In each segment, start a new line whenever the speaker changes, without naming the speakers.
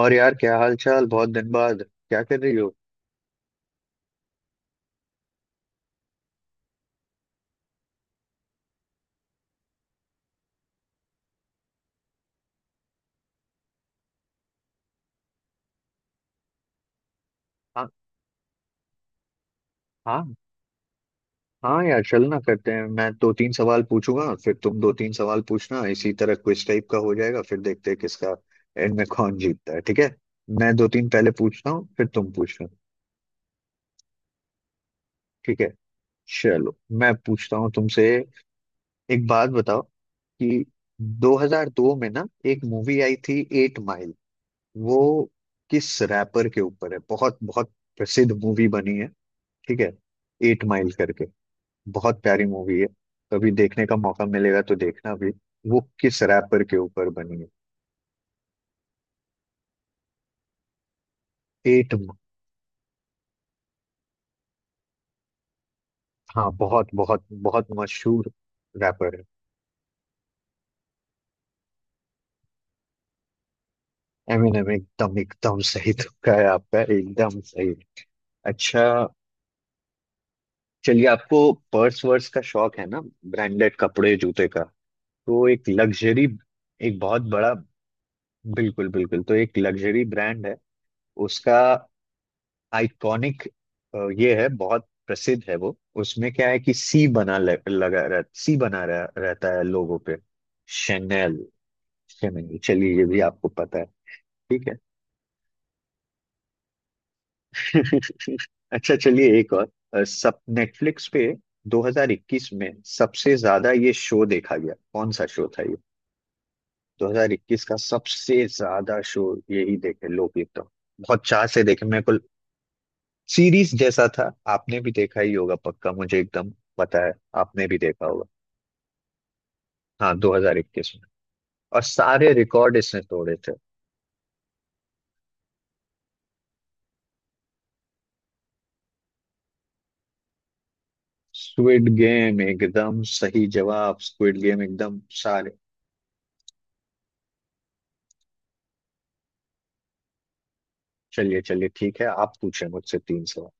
और यार, क्या हाल चाल? बहुत दिन बाद क्या कर रही हो? हाँ। हाँ। हाँ यार चलना करते हैं। मैं दो तीन सवाल पूछूंगा फिर तुम दो तीन सवाल पूछना। इसी तरह क्विज टाइप का हो जाएगा, फिर देखते हैं किसका एंड में कौन जीतता है। ठीक है। मैं दो तीन पहले पूछता हूँ फिर तुम पूछना। ठीक है। चलो। मैं पूछता हूँ तुमसे। एक बात बताओ कि 2002 में ना, एक मूवी आई थी एट माइल। वो किस रैपर के ऊपर है? बहुत बहुत प्रसिद्ध मूवी बनी है। ठीक है। एट माइल करके। बहुत प्यारी मूवी है। कभी देखने का मौका मिलेगा तो देखना भी। वो किस रैपर के ऊपर बनी है? एट। हाँ बहुत बहुत बहुत मशहूर रैपर है। एमिनेम एकदम एकदम सही तुक्का है आपका। एकदम सही। अच्छा चलिए, आपको पर्स वर्स का शौक है ना? ब्रांडेड कपड़े जूते का। तो एक लग्जरी। एक बहुत बड़ा। बिल्कुल बिल्कुल। तो एक लग्जरी ब्रांड है उसका। आइकॉनिक ये है, बहुत प्रसिद्ध है वो। उसमें क्या है कि सी बना लगा रह, सी बना रह, रहता है लोगों पे। शनेल। शनेल चलिए ये भी आपको पता है। ठीक है। अच्छा चलिए एक और। सब नेटफ्लिक्स पे 2021 में सबसे ज्यादा ये शो देखा गया, कौन सा शो था ये? 2021 का सबसे ज्यादा शो। यही देखे लोग एकदम। बहुत चाह से देखे। मेरे को सीरीज जैसा था। आपने भी देखा ही होगा पक्का, मुझे एकदम पता है। आपने भी देखा होगा। हाँ 2021 में। और सारे रिकॉर्ड इसने तोड़े थे। स्क्विड गेम एकदम सही जवाब। स्क्विड गेम एकदम सारे। चलिए चलिए ठीक है, आप पूछे मुझसे तीन सवाल।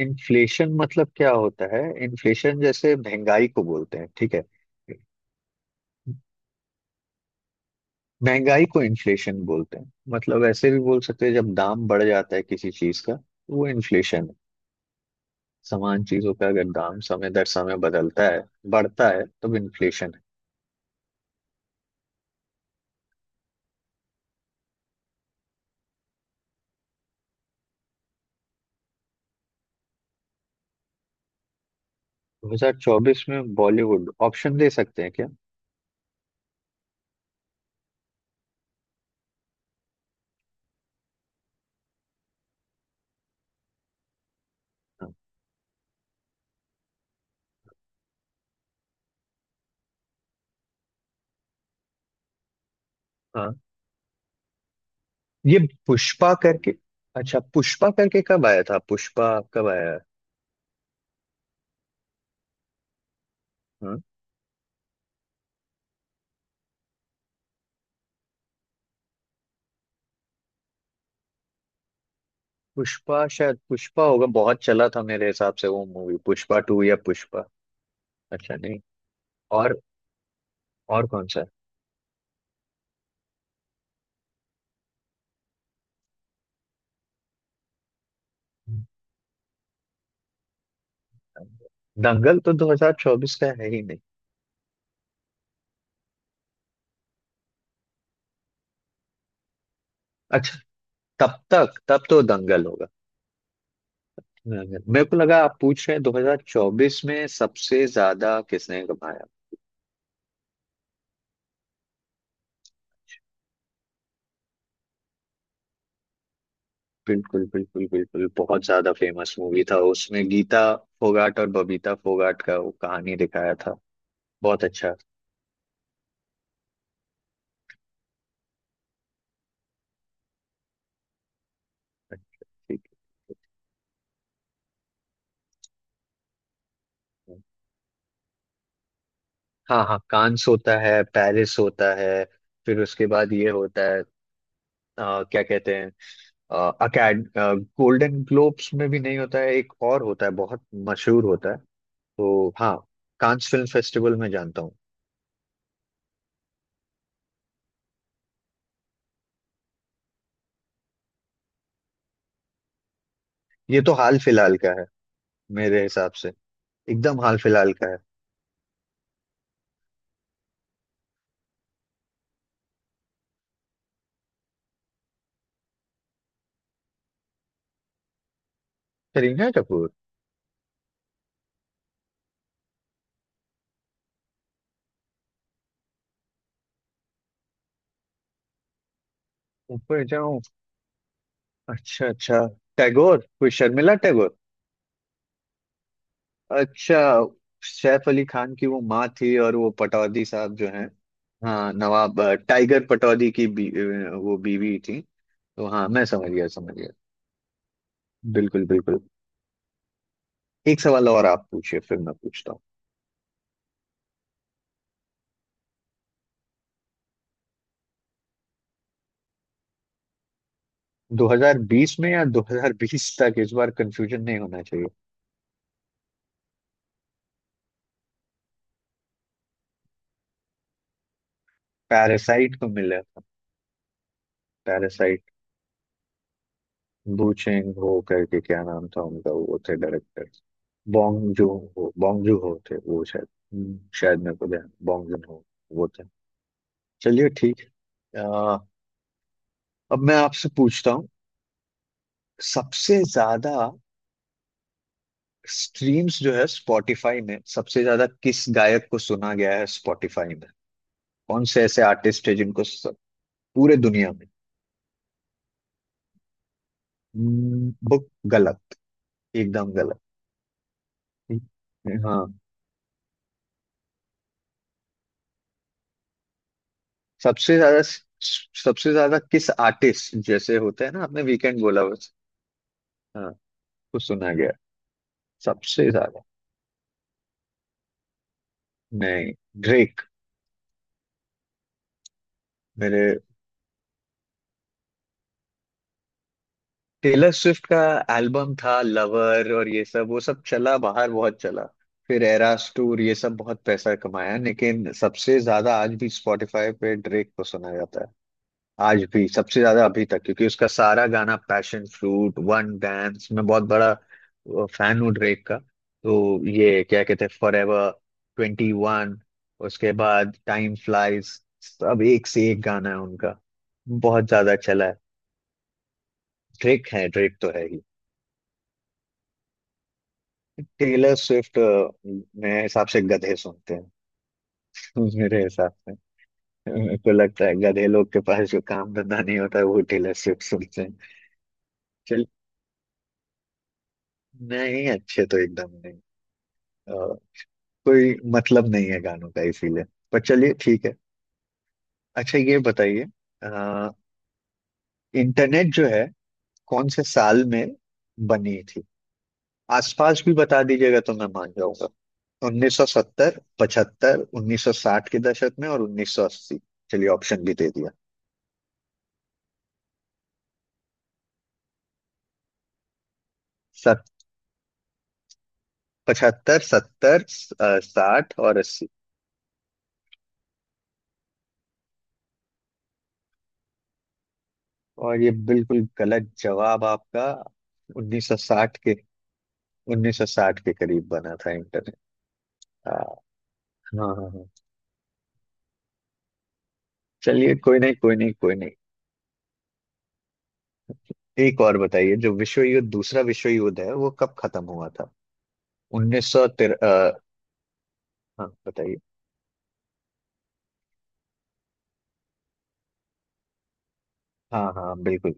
इन्फ्लेशन मतलब क्या होता है? इन्फ्लेशन जैसे महंगाई को बोलते हैं, ठीक है। महंगाई को इन्फ्लेशन बोलते हैं। मतलब ऐसे भी बोल सकते हैं, जब दाम बढ़ जाता है किसी चीज का तो वो इन्फ्लेशन है। समान चीजों का अगर दाम समय दर समय बदलता है, बढ़ता है, तब इन्फ्लेशन है। 2024 में बॉलीवुड? ऑप्शन दे सकते हैं क्या? हाँ। हाँ। ये पुष्पा करके। अच्छा पुष्पा करके कब आया था? पुष्पा कब आया है? हाँ पुष्पा, शायद पुष्पा होगा बहुत चला था मेरे हिसाब से वो मूवी, पुष्पा टू या पुष्पा। अच्छा नहीं। और और कौन सा है? दंगल तो 2024 का है ही नहीं। अच्छा, तब तक तब तो दंगल होगा। मेरे को लगा आप पूछ रहे हैं 2024 में सबसे ज्यादा किसने कमाया। बिल्कुल बिल्कुल बिल्कुल बहुत ज्यादा फेमस मूवी था। उसमें गीता फोगाट और बबीता फोगाट का वो कहानी दिखाया था। बहुत अच्छा। ठीक है। हाँ हाँ कांस होता है, पेरिस होता है, फिर उसके बाद ये होता है। क्या कहते हैं अकेड, गोल्डन ग्लोब्स में भी नहीं होता है, एक और होता है, बहुत मशहूर होता है। तो हाँ कांस फिल्म फेस्टिवल में जानता हूँ। ये तो हाल फिलहाल का है मेरे हिसाब से। एकदम हाल फिलहाल का है। करीना कपूर। ऊपर जाऊं? अच्छा अच्छा, टैगोर, कोई शर्मिला टैगोर। अच्छा सैफ अली खान की वो माँ थी, और वो पटौदी साहब जो हैं, हाँ नवाब टाइगर पटौदी की वो बीवी थी। तो हाँ मैं समझ गया, समझ गया। बिल्कुल बिल्कुल। एक सवाल और आप पूछिए फिर मैं पूछता हूँ। 2020 में या 2020 तक? इस बार कंफ्यूजन नहीं होना चाहिए। पैरासाइट को मिला था। पैरासाइट। बूचेंग हो करके क्या नाम था उनका? वो थे director. Bong Joon Ho. Bong Joon Ho थे वो शायद। शायद, मेरे को ध्यान, बॉन्ग जून हो वो थे। चलिए ठीक है, अब मैं आपसे पूछता हूँ। सबसे ज्यादा स्ट्रीम्स जो है स्पॉटिफाई में, सबसे ज्यादा किस गायक को सुना गया है स्पॉटिफाई में? कौन से ऐसे आर्टिस्ट है जिनको पूरे दुनिया में बुक? गलत। एकदम गलत। हाँ। सबसे ज्यादा, सबसे ज्यादा किस आर्टिस्ट, जैसे होते हैं ना, आपने वीकेंड बोला बस। हाँ वो सुना गया। सबसे ज्यादा नहीं, ड्रेक। मेरे, टेलर स्विफ्ट का एल्बम था लवर और ये सब, वो सब चला बाहर बहुत चला। फिर एरास टूर ये सब बहुत पैसा कमाया, लेकिन सबसे ज्यादा आज भी स्पॉटिफाई पे ड्रेक को सुना जाता है। आज भी सबसे ज्यादा अभी तक, क्योंकि उसका सारा गाना, पैशन फ्रूट, वन डांस, मैं बहुत बड़ा फैन हूँ ड्रेक का। तो ये क्या कहते हैं, फॉर एवर 21। उसके बाद टाइम फ्लाइज। सब एक से एक गाना है उनका। बहुत ज्यादा चला है। ड्रेक है, ड्रेक तो है ही। टेलर स्विफ्ट मेरे हिसाब से गधे सुनते हैं। मेरे हिसाब से, मेरे को लगता है गधे लोग के पास जो काम धंधा नहीं होता है वो टेलर स्विफ्ट सुनते हैं। चल नहीं, अच्छे तो एकदम नहीं। कोई मतलब नहीं है गानों का इसीलिए। पर चलिए ठीक है। अच्छा ये बताइए, अ, इंटरनेट जो है कौन से साल में बनी थी? आसपास भी बता दीजिएगा तो मैं मान जाऊंगा। 1970, 75, 1960 के दशक में, और 1980। चलिए ऑप्शन भी दे दिया। सत 75, 70, 60 और 80। और ये बिल्कुल गलत जवाब आपका। 1960 के, 1960 के करीब बना था इंटरनेट। हाँ। हाँ हाँ। चलिए, कोई नहीं कोई नहीं कोई नहीं। एक और बताइए, जो विश्व युद्ध, दूसरा विश्व युद्ध है, वो कब खत्म हुआ था? उन्नीस सौ तिर अ, हाँ बताइए। हाँ हाँ, बिल्कुल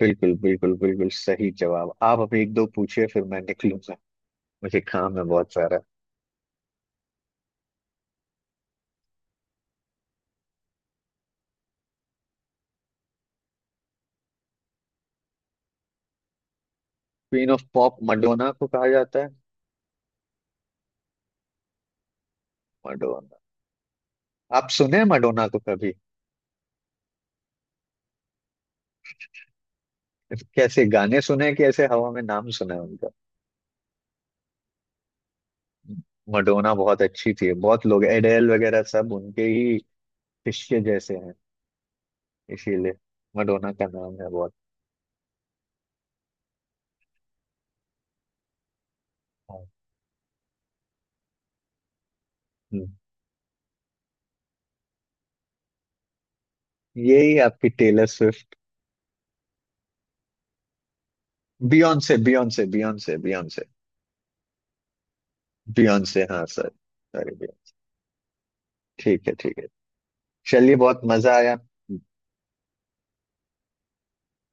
बिल्कुल बिल्कुल बिल्कुल सही जवाब। आप अभी एक दो पूछिए फिर मैं निकलूंगा, मुझे काम है बहुत सारा। क्वीन ऑफ पॉप मडोना को कहा जाता है। मडोना। आप सुने मडोना को कभी? कैसे गाने सुने हैं कि ऐसे हवा में नाम सुना है उनका? मडोना बहुत अच्छी थी, बहुत लोग एडेल वगैरह सब उनके ही शिष्य जैसे हैं इसीलिए। मडोना का नाम है बहुत। हाँ। हम्म, यही आपकी Taylor Swift? Beyonce, Beyonce, Beyonce, Beyonce. Beyonce हाँ, सर सॉरी बियॉन्से। ठीक है ठीक है। चलिए, बहुत मजा आया।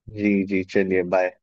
जी जी, चलिए, बाय।